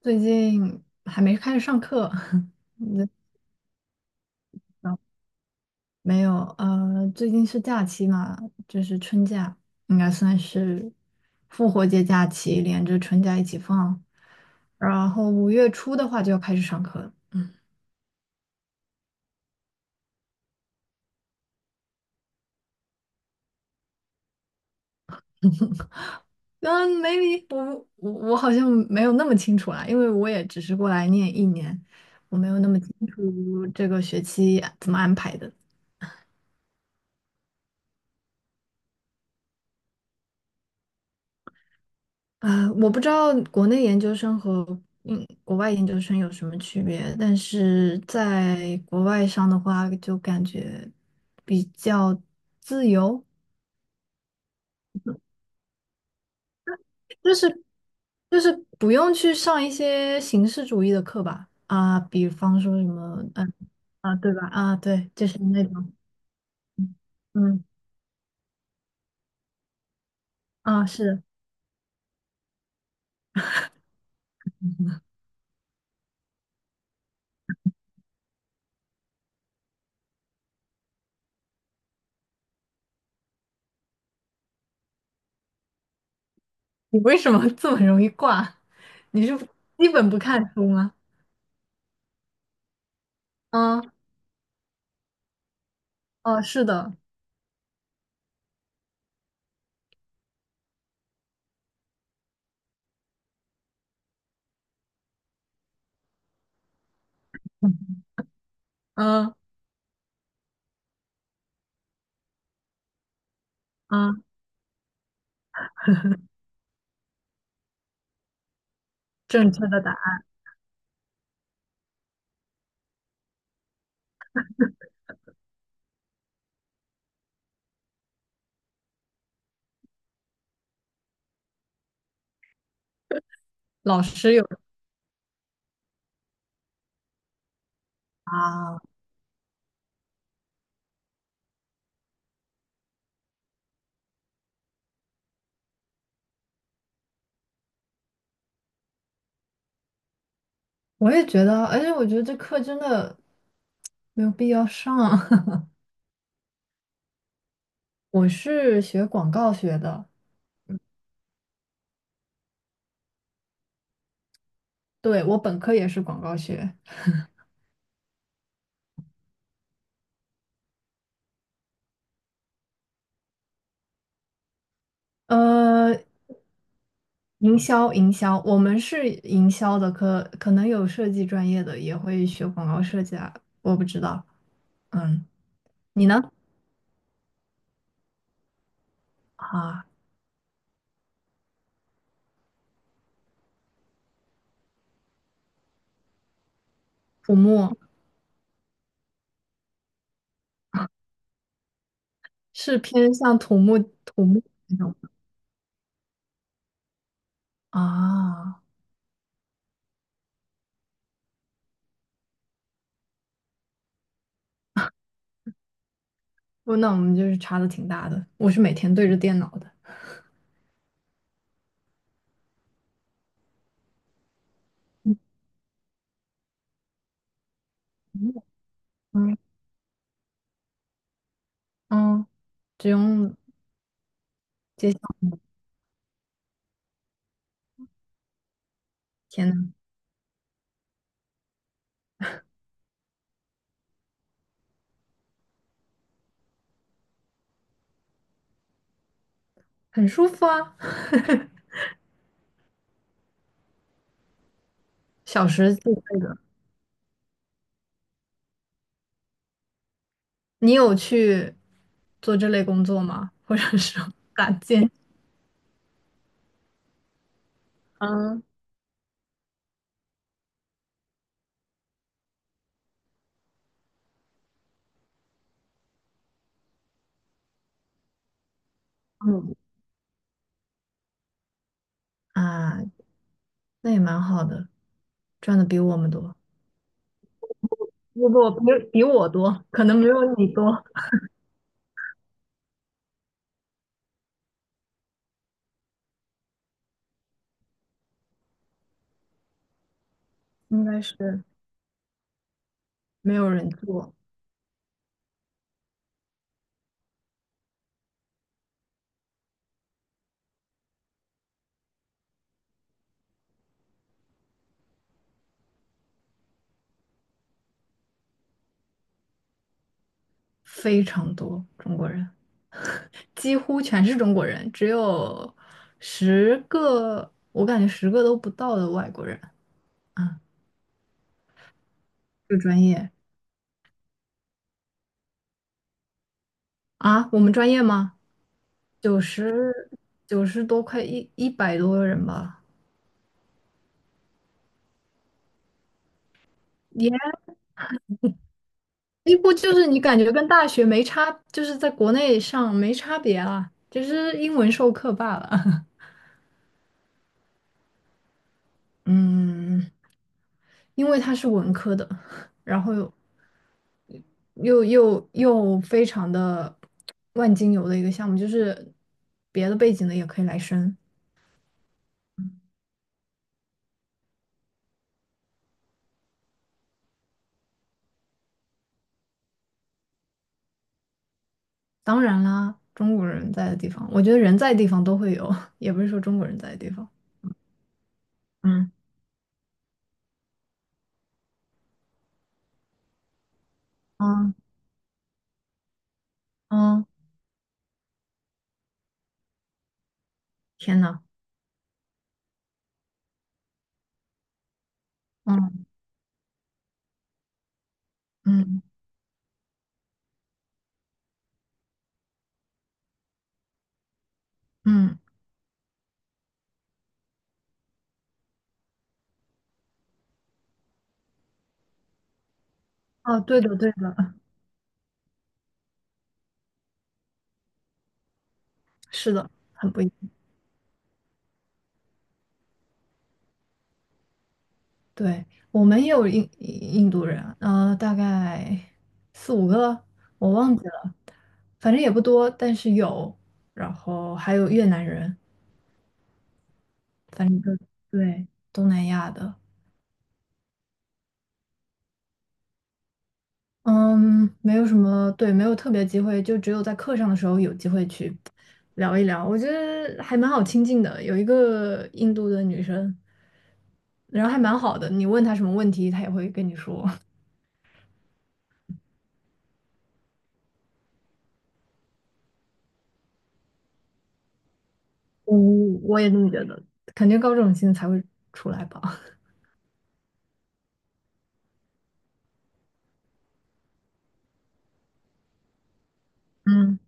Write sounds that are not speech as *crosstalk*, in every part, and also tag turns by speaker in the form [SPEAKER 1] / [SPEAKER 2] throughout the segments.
[SPEAKER 1] 最近还没开始上课，*laughs* 你在忙没有？最近是假期嘛，就是春假，应该算是复活节假期连着春假一起放。然后5月初的话就要开始上课了。嗯，maybe 我好像没有那么清楚啦，因为我也只是过来念一年，我没有那么清楚这个学期怎么安排的。啊，我不知道国内研究生和国外研究生有什么区别，但是在国外上的话，就感觉比较自由，就是就是不用去上一些形式主义的课吧，啊，比方说什么，啊，对吧？啊，对，就是那种，嗯啊，是你为什么 *laughs* 这么容易挂？你是基本不看书吗？嗯，哦，是的，嗯嗯，啊正确的答老师有啊，我也觉得，而且我觉得这课真的没有必要上。*laughs* 我是学广告学的，对，我本科也是广告学，呃，营销，营销，我们是营销的可能有设计专业的也会学广告设计啊，我不知道。嗯，你呢？啊，土木是偏向土木那种啊，不，那我们就是差的挺大的。我是每天对着电脑的。嗯嗯嗯，只用接小天呐，很舒服啊，*laughs* 小时自费的。你有去做这类工作吗？或者是 *laughs* 打尖？嗯嗯，啊，那也蛮好的，赚的比我们多，不不，比我多，可能没有你多，应该是没有人做，非常多中国人，几乎全是中国人，只有十个，我感觉十个都不到的外国人啊，这个专业。啊，我们专业吗？九十九十多快一百多人吧，也几乎就是你感觉跟大学没差，就是在国内上没差别啦，就是英文授课罢了。*laughs* 嗯，因为他是文科的，然后又非常的万金油的一个项目，就是别的背景的也可以来申。当然啦，中国人在的地方，我觉得人在的地方都会有，也不是说中国人在的地方。嗯嗯。嗯，天呐，嗯嗯嗯，哦，对的对的，是的，很不一样对，我们也有印度人，大概4、5个，我忘记了，反正也不多，但是有。然后还有越南人，反正就对东南亚的，嗯，没有什么，对，没有特别机会，就只有在课上的时候有机会去聊一聊。我觉得还蛮好亲近的，有一个印度的女生，然后还蛮好的，你问她什么问题，她也会跟你说。嗯，我也这么觉得，肯定高中心才会出来吧。嗯，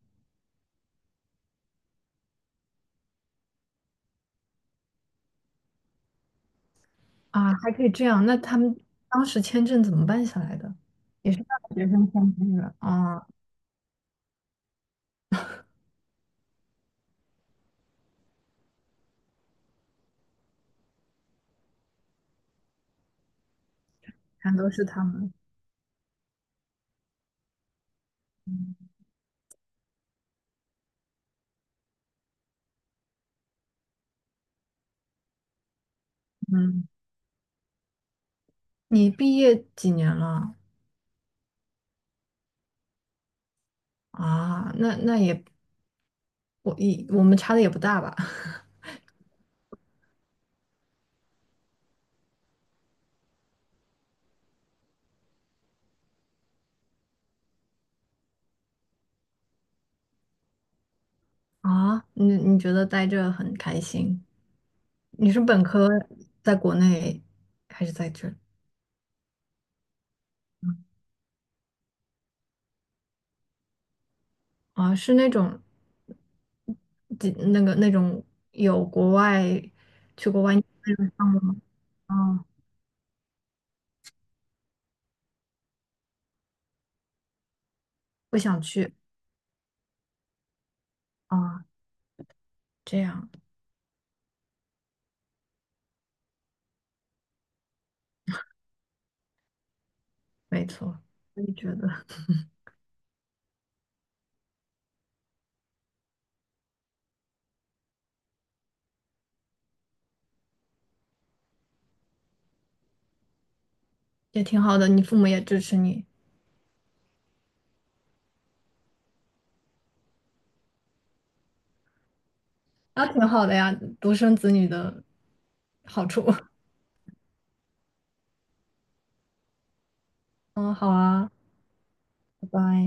[SPEAKER 1] *laughs* 啊，还可以这样，那他们当时签证怎么办下来的？学生签证了啊，全都是他们。嗯，你毕业几年了？啊，那也我们差的也不大吧？*laughs* 啊，你觉得待着很开心？你是本科在国内还是在这儿？啊，是那种，几那个那种有国外去国外念项目吗？啊，不想去啊，这样没错，我也觉得也挺好的，你父母也支持你，那挺好的呀，独生子女的好处。*laughs* 嗯，好啊，拜拜。